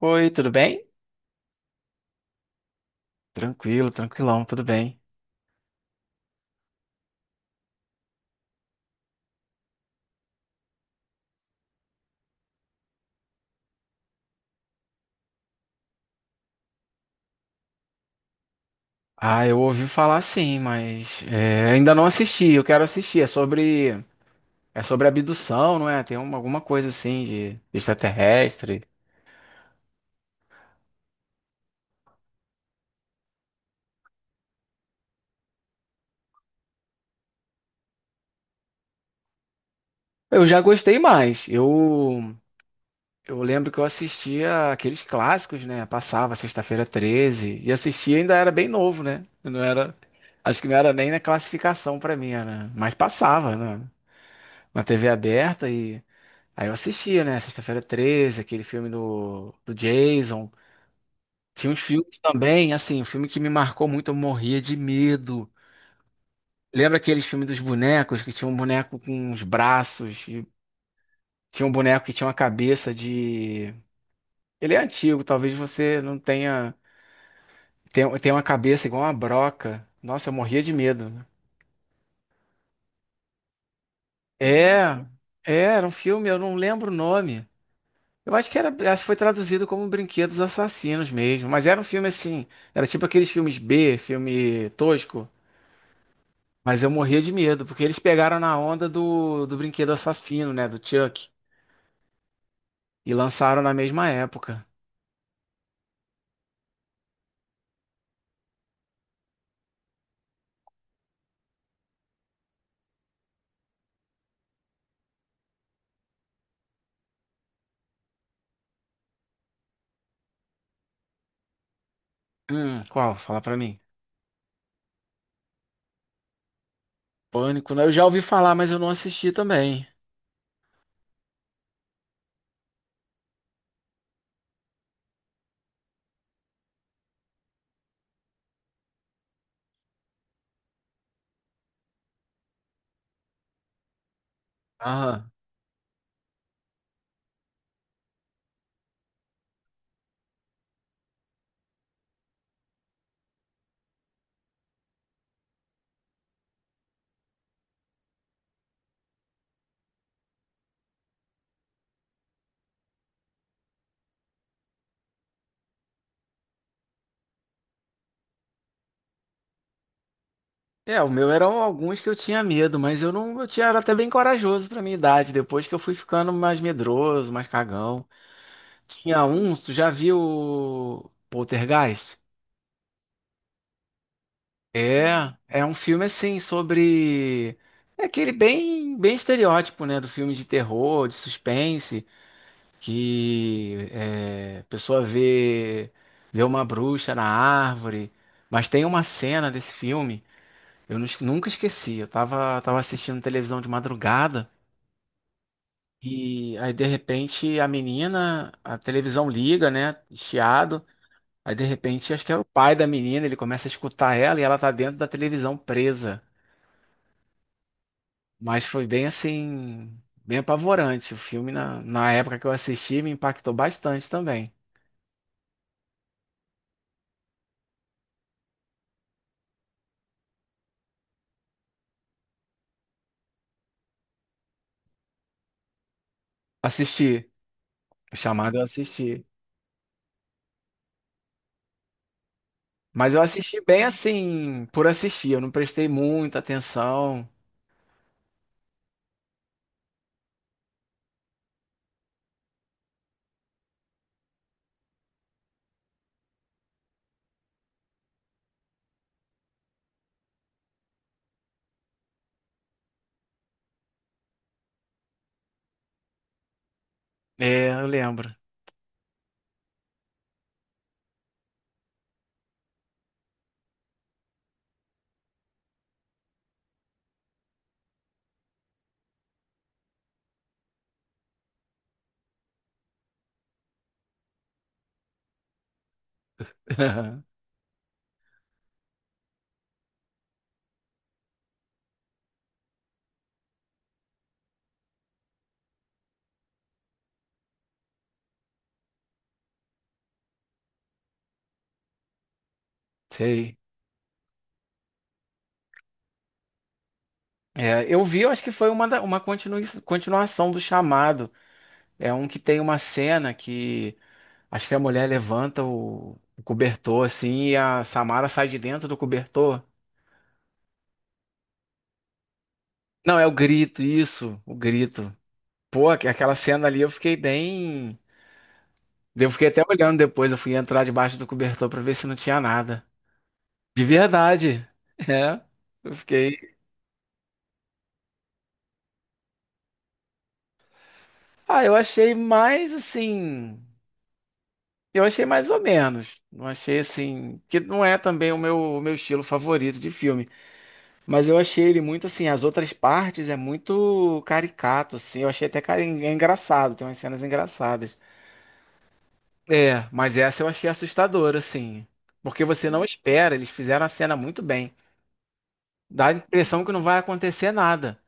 Oi, tudo bem? Tranquilo, tranquilão, tudo bem. Ah, eu ouvi falar sim, mas é, ainda não assisti. Eu quero assistir. É sobre abdução, não é? Tem uma, alguma coisa assim de extraterrestre. Eu já gostei mais. Eu lembro que eu assistia aqueles clássicos, né? Passava sexta-feira treze e assistia ainda era bem novo, né? Eu não era, acho que não era nem na classificação pra mim, era, mas passava, né? Na TV aberta. E aí eu assistia, né? Sexta-feira 13, aquele filme do Jason. Tinha uns filmes também, assim, um filme que me marcou muito, eu morria de medo. Lembra aqueles filmes dos bonecos, que tinha um boneco com uns braços, e tinha um boneco que tinha uma cabeça de. Ele é antigo, talvez você não tenha. Tem uma cabeça igual uma broca. Nossa, eu morria de medo, né? É, era um filme, eu não lembro o nome. Eu acho que era, acho que foi traduzido como Brinquedos Assassinos mesmo, mas era um filme assim, era tipo aqueles filmes B, filme tosco, mas eu morria de medo, porque eles pegaram na onda do Brinquedo Assassino, né, do Chuck, e lançaram na mesma época. Qual? Fala pra mim. Pânico, né? Eu já ouvi falar, mas eu não assisti também. Aham. É, o meu eram alguns que eu tinha medo, mas eu não, eu tinha, era até bem corajoso pra minha idade, depois que eu fui ficando mais medroso, mais cagão. Tinha um, tu já viu o Poltergeist? É, é um filme assim sobre, é aquele bem estereótipo, né, do filme de terror, de suspense, que é, a pessoa vê uma bruxa na árvore, mas tem uma cena desse filme, eu nunca esqueci. Eu tava assistindo televisão de madrugada e aí de repente a menina, a televisão liga, né, chiado. Aí de repente acho que era o pai da menina, ele começa a escutar ela e ela tá dentro da televisão presa. Mas foi bem assim, bem apavorante. O filme, na época que eu assisti, me impactou bastante também. Assisti, o chamado eu assisti. Mas eu assisti bem assim, por assistir. Eu não prestei muita atenção. É, eu lembro. Sei. É, eu vi, eu acho que foi uma, uma continuação do chamado. É um que tem uma cena que acho que a mulher levanta o cobertor assim e a Samara sai de dentro do cobertor. Não, é o grito, isso, o grito. Pô, aquela cena ali eu fiquei bem. Eu fiquei até olhando depois, eu fui entrar debaixo do cobertor pra ver se não tinha nada. De verdade. É. Eu fiquei. Ah, eu achei mais assim. Eu achei mais ou menos. Não achei assim. Que não é também o meu estilo favorito de filme. Mas eu achei ele muito assim. As outras partes é muito caricato, assim. Eu achei até é engraçado. Tem umas cenas engraçadas. É, mas essa eu achei assustadora, assim. Porque você não espera. Eles fizeram a cena muito bem. Dá a impressão que não vai acontecer nada.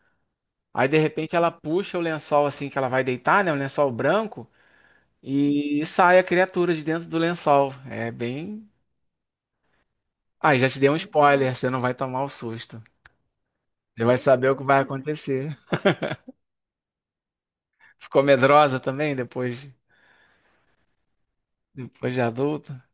Aí de repente ela puxa o lençol assim que ela vai deitar, né? Um lençol branco e sai a criatura de dentro do lençol. É bem. Aí já te dei um spoiler, você não vai tomar o susto. Você vai saber o que vai acontecer. Ficou medrosa também depois, depois de adulta?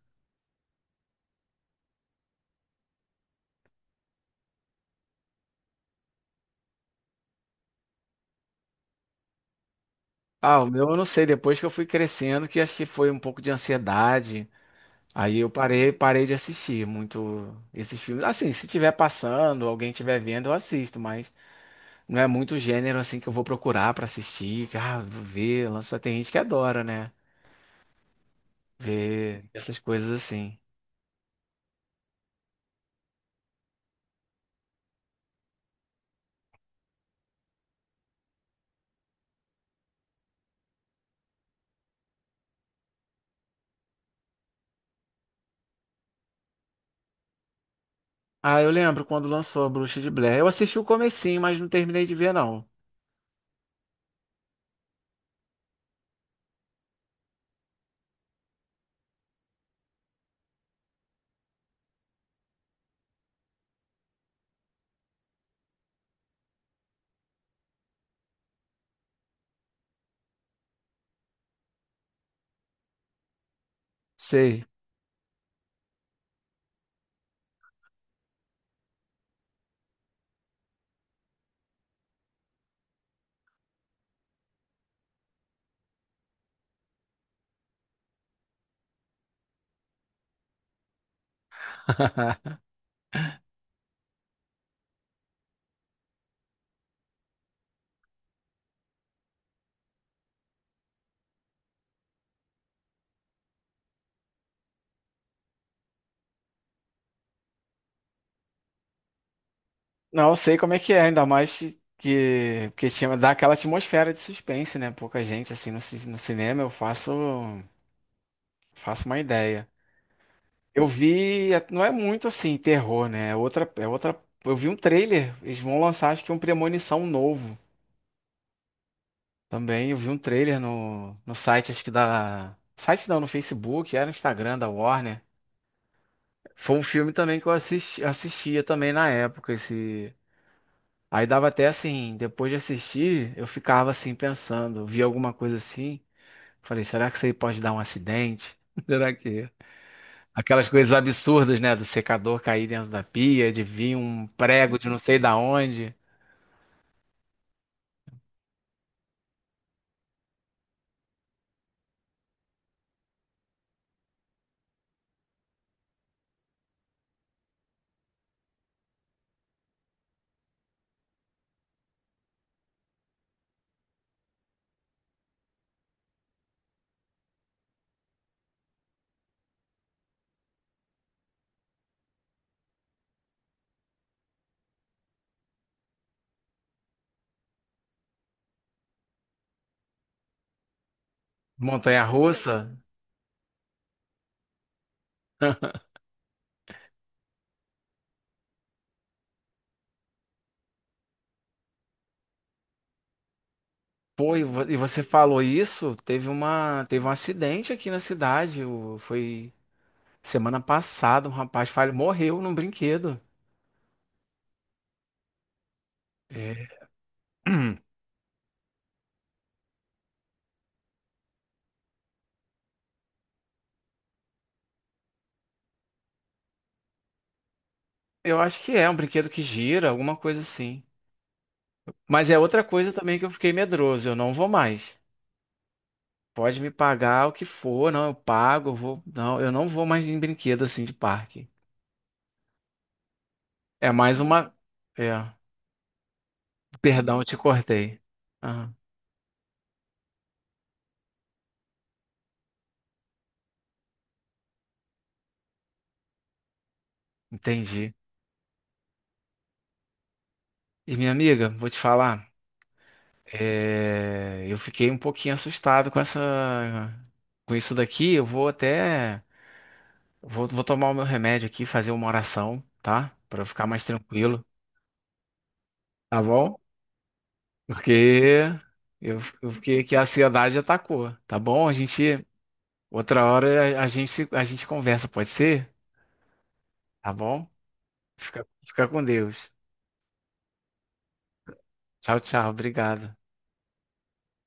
Ah, o meu eu não sei, depois que eu fui crescendo, que acho que foi um pouco de ansiedade. Aí eu parei de assistir muito esses filmes. Assim, se tiver passando, alguém estiver vendo, eu assisto, mas não é muito gênero assim que eu vou procurar pra assistir, que, ah, vou ver, lança, tem gente que adora, né? Ver essas coisas assim. Ah, eu lembro quando lançou a Bruxa de Blair. Eu assisti o comecinho, mas não terminei de ver, não. Sei. Não, eu sei como é que é, ainda mais que tinha, dá aquela atmosfera de suspense, né? Pouca gente assim no, no cinema, eu faço uma ideia. Eu vi, não é muito assim terror, né? É outra, eu vi um trailer, eles vão lançar acho que um Premonição novo. Também eu vi um trailer no site, acho que da. Site não, no Facebook, era no Instagram da Warner. Foi um filme também que eu assisti, assistia também na época. Esse... Aí dava até assim, depois de assistir, eu ficava assim pensando, via alguma coisa assim. Falei, será que isso aí pode dar um acidente? Será que. Aquelas coisas absurdas, né? Do secador cair dentro da pia, de vir um prego de não sei da onde, montanha-russa. Pô, e você falou isso? Teve um acidente aqui na cidade. Foi semana passada, um rapaz falho morreu num brinquedo. É. Eu acho que é um brinquedo que gira, alguma coisa assim. Mas é outra coisa também que eu fiquei medroso. Eu não vou mais. Pode me pagar o que for, não, eu pago, eu vou. Não, eu não vou mais em brinquedo assim de parque. É mais uma. É. Perdão, eu te cortei. Ah, entendi. E minha amiga, vou te falar. É, eu fiquei um pouquinho assustado com essa, com isso daqui. Vou, vou tomar o meu remédio aqui, fazer uma oração, tá? Pra eu ficar mais tranquilo, tá bom? Porque eu fiquei que a ansiedade atacou, tá bom? Outra hora a gente a gente conversa, pode ser? Tá bom? Fica, fica com Deus. Tchau, tchau. Obrigado.